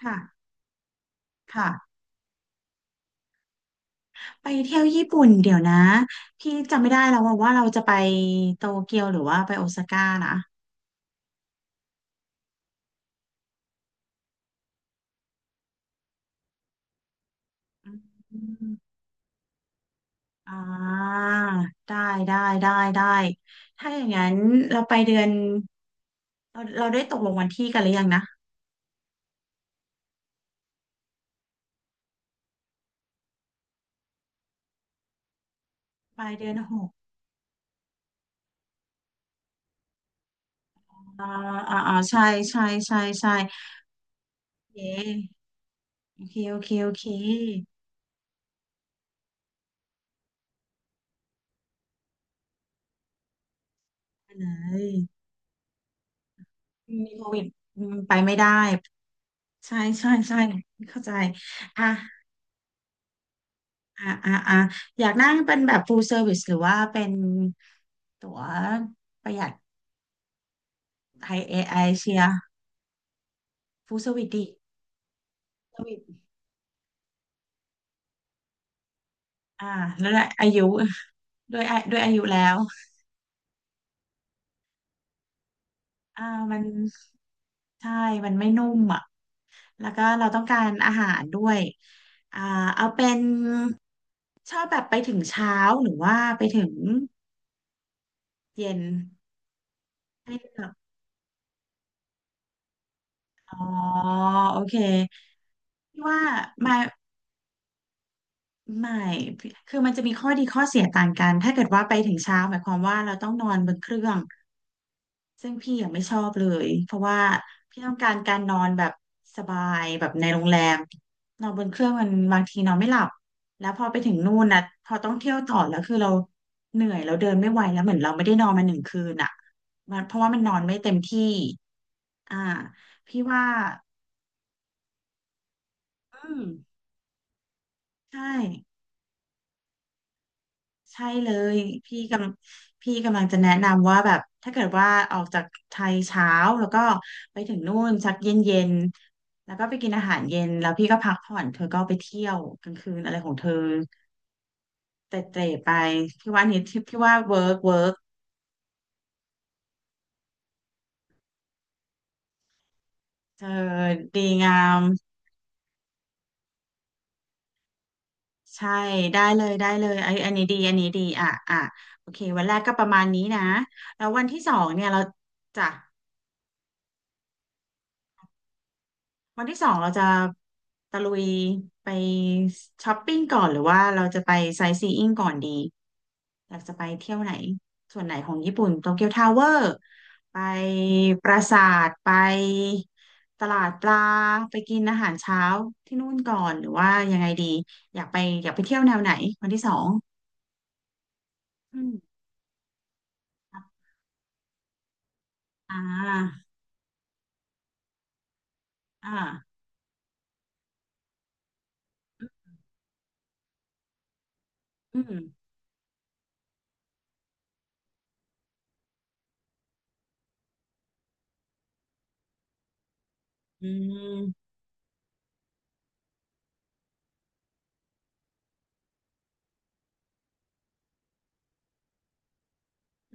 ค่ะค่ะไปเที่ยวญี่ปุ่นเดี๋ยวนะพี่จำไม่ได้แล้วว่าเราจะไปโตเกียวหรือว่าไปโอซาก้านะอืมอ่าได้ได้ได้ถ้าอย่างนั้นเราไปเดือนเราได้ตกลงวันที่กันหรือยังนะปลายเดือนหกอ่าอ่าใช่ใช่ใช่ใช่โอเคโอเคโอเคโอเคไปเลยมีโควิดอืมไปไม่ได้ใช่ใช่ใช่เข้าใจอ่ะ อ่าอยากนั่งเป็นแบบ full service หรือว่าเป็นตั๋วประหยัดไทยเอไอเชีย full service ดิ service อ่าแล้วด้วยอายุด้วยอายุแล้วอ่ามันใช่มันไม่นุ่มอ่ะแล้วก็เราต้องการอาหารด้วยอ่าเอาเป็นชอบแบบไปถึงเช้าหรือว่าไปถึงเย็นให้เลือกอ๋อโอเคพี่ว่ามา ไม่คือมันจะมีข้อดีข้อเสียต่างกัน ถ้าเกิดว่าไปถึงเช้าหมายความว่าเราต้องนอนบนเครื่องซึ่งพี่ยังไม่ชอบเลย เพราะว่าพี่ต้องการการนอนแบบสบายแบบในโรงแรมนอนบนเครื่องมันบางทีนอนไม่หลับแล้วพอไปถึงนู่นนะพอต้องเที่ยวต่อแล้วคือเราเหนื่อยเราเดินไม่ไหวแล้วเหมือนเราไม่ได้นอนมาหนึ่งคืนอ่ะมันเพราะว่ามันนอนไม่เต็มที่อ่าพี่ว่าอืมใช่ ใช่เลยพี่กพี่กำลังจะแนะนำว่าแบบถ้าเกิดว่าออกจากไทยเช้าแล้วก็ไปถึงนู่นสักเย็นเย็นแล้วก็ไปกินอาหารเย็นแล้วพี่ก็พักผ่อนเธอก็ไปเที่ยวกลางคืนอะไรของเธอเตร่ๆไปพี่ว่านี้ที่พี่ว่าเวิร์กเวิร์กเธอดีงามใช่ได้เลยได้เลยไอ้อันนี้ดีอันนี้ดีอ่ะอ่ะโอเควันแรกก็ประมาณนี้นะแล้ววันที่สองเนี่ยเราจ้ะ วันที่สองเราจะตะลุยไปช้อปปิ้งก่อนหรือว่าเราจะไปไซต์ซีอิ้งก่อนดีอยากจะไปเที่ยวไหนส่วนไหนของญี่ปุ่นโตเกียวทาวเวอร์ไปปราสาทไปตลาดปลาไปกินอาหารเช้าที่นู่นก่อนหรือว่ายังไงดีอยากไปอยากไปเที่ยวแนวไหนวันที่สองอืมอ่าอ่าอืมอืม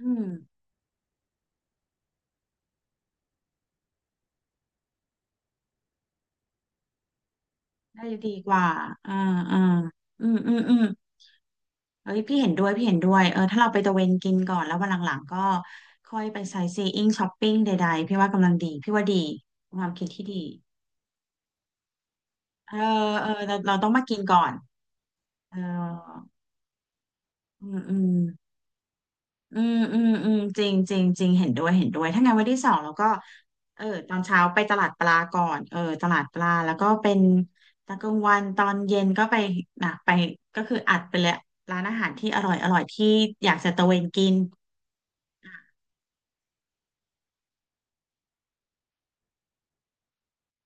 อืมได้ดีกว่าอ่าอ่าอืมอืมอืม เอ้ยพี่เห็นด้วยพี่เห็นด้วยเออถ้าเราไปตะเวนกินก่อนแล้ววันหลังๆก็ค่อยไปไซต์ซีอิ้งช้อปปิ้งใดๆพี่ว่ากำลังดีพี่ว่าดีความคิดที่ดีเออเออเราต้องมากินก่อนเอออืมอืมอืมจริงจริงจริงเห็นด้วยเห็นด้วยถ้างั้นวันที่สองเราก็เออตอนเช้าไปตลาดปลาก่อนเออตลาดปลาแล้วก็เป็นตอนกลางวันตอนเย็นก็ไปนะไปก็คืออัดไปเลยร้านอาหารที่อร่อยอร่อยที่อยากจะตะเวนกิน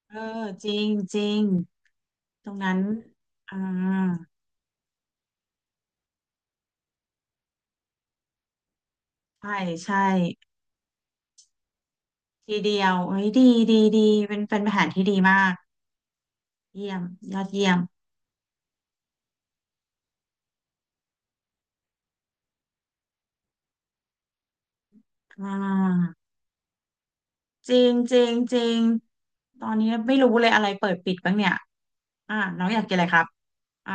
เออจริงจริงตรงนั้นอ่าใช่ใช่ทีเดียวเฮ้ยดีดีดีเป็นเป็นแผนที่ดีมากเยี่ยมยอดเยี่ยมอ่าจริงจริงจริงตอนนี้ไม่รู้เลยอะไรเปิดปิดบ้างเนี่ยอ่าน้องอยากกินอะไรครับอ่า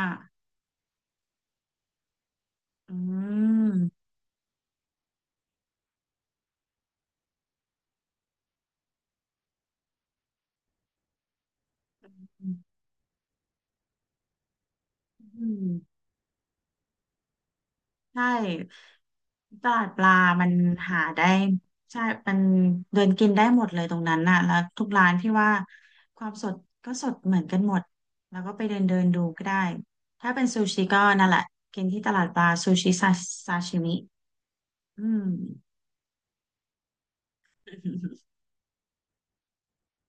อืม ใช่ตลาดปลามันหาได้ใช่มันเดินกินได้หมดเลยตรงนั้นน่ะแล้วทุกร้านพี่ว่าความสดก็สดเหมือนกันหมดแล้วก็ไปเดินเดินดูก็ได้ถ้าเป็นซูชิก็นั่นแหละกินที่ตลาดปลาซูชิซาชิมิอืม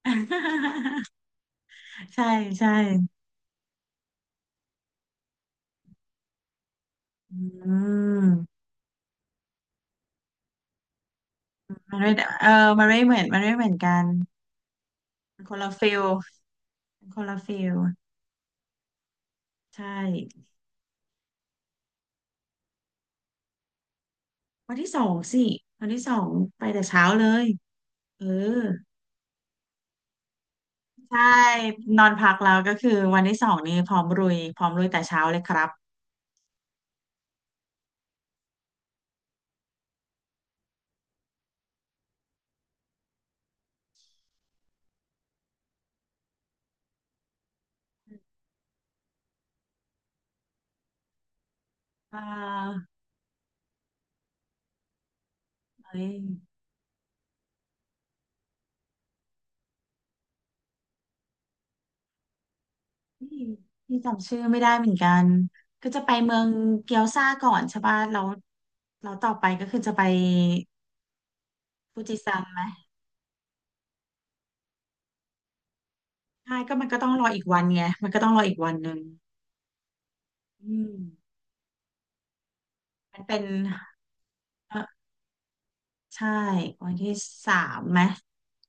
ใช่ใช่อืมมันไม่ได้เออมันไม่เหมือนกันมันคนละฟิลคนละฟิลใช่ วันที่สองสิวันที่สองไปแต่เช้าเลยเออใช่นอนพักแล้วก็คือวันที่สองนี้พร้อมรุยพร้อมรุยแต่เช้าเลยครับอ่าเอ้ยนี่นี่จำชื่อไม่ได้เหมือนกันก็จะไปเมืองเกียวซาก่อนใช่ป่ะแล้วต่อไปก็คือจะไปฟูจิซังไหมใช่ก็มันก็ต้องรออีกวันไงมันก็ต้องรออีกวันหนึ่งอืมมันเป็นเออใช่วันที่สามไหม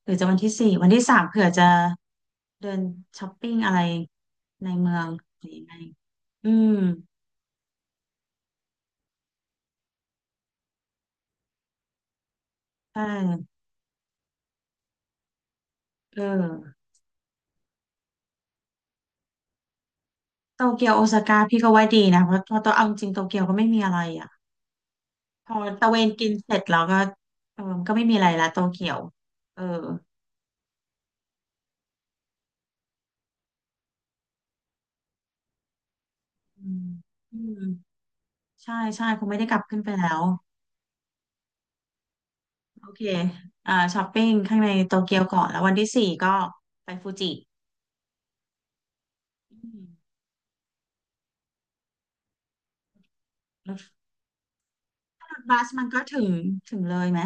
หรือจะวันที่สี่วันที่สามเผื่อจะ เดินช้อปปิ้งอะไรในเมืองหรือยังไงอืมใช่เออโตเกียวโอซาก้าพี่ก็ว่าดีนะเพราะเพอตัวเอาจริงโตเกียวก็ไม่มีอะไรอ่ะพอตะเวนกินเสร็จแล้วก็เออมันก็ไม่มีอะไรละโตเกียวเอออืมอืมใช่ใช่คงไม่ได้กลับขึ้นไปแล้วโอเคอ่าช้อปปิ้งข้างในโตเกียวก่อนแล้ววันที่สี่ก็ไปฟูจิอืมรถรถบัสมันก็ถึงถึงเลยไหม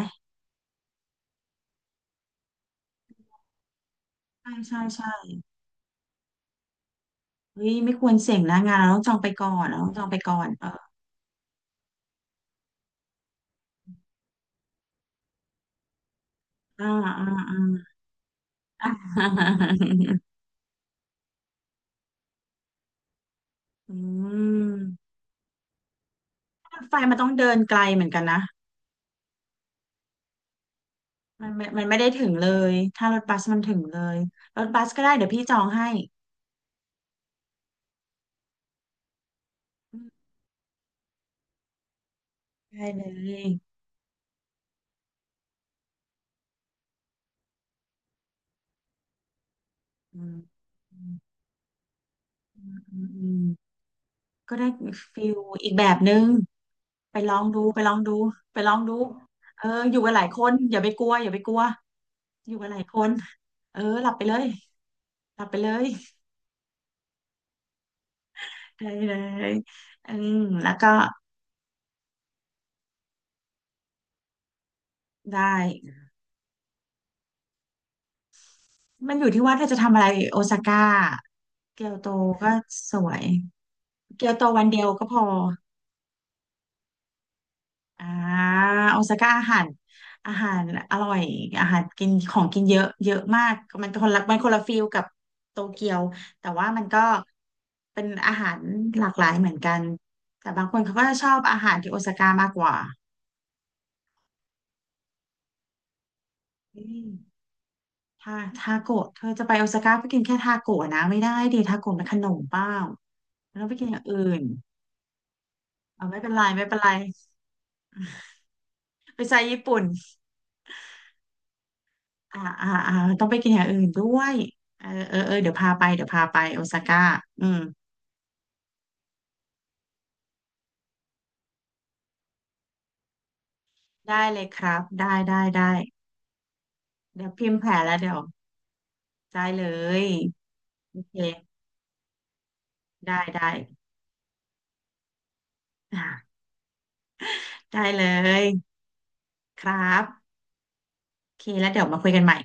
ใช่ใช่ใช่ เฮ้ยไม่ควรเสี่ยงนะงานเราต้องจองไปก่อนเราต้องจองไปก่อนเอออ่าอ่าอ่าอ่าอืมรถไฟมันต้องเดินไกลเหมือนกันนะมันไม่ได้ถึงเลยถ้ารถบัสมันถึงเลยรถบัสก็ได้เดี๋ยวพี่จองให้อืมได้เลยอืมอืมอืมก็ได้ฟิลอีกแบบนึงไปลองดูไปลองดูไปลองดูเอออยู่กันหลายคนอย่าไปกลัวอย่าไปกลัวอยู่กันหลายคนเออหลับไปเลยหลับไปเลย ได้เลยอืมแล้วก็ได้ มันอยู่ที่ว่าเธอจะทำอะไรโอซาก้าเกียวโตก็สวย เกียวโตวันเดียวก็พออ่าโอซาก้าอาหารอาหารอร่อย อาหารกินของกินเยอะเยอะมาก มันคนละฟิลกับโตเกียว แต่ว่ามันก็เป็นอาหารหลากหลายเหมือนกัน แต่บางคนเขาก็จะชอบอาหารที่โอซาก้ามากกว่าอืม ถ้าทาโกะเธอจะไปโอซาก้าไปกินแค่ทาโกะนะไม่ได้ดิทาโกะม็นขนมเปล่าแล้วไปกินอย่างอื่นเอาไม่เป็นไรไม่เป็นไรไปใจญี่ปุ่นอ่าต้องไปกินอย่างอื่นด้วยเออเออเออเดี๋ยวพาไปเดี๋ยวพาไปโอซาก้าอืมได้เลยครับได้ได้ได้เดี๋ยวพิมพ์แผนแล้วเดี๋ยวได้เลยโอเคได้ได้อ่าได้เลยครับโอเคแล้วเดี๋ยวมาคุยกันใหม่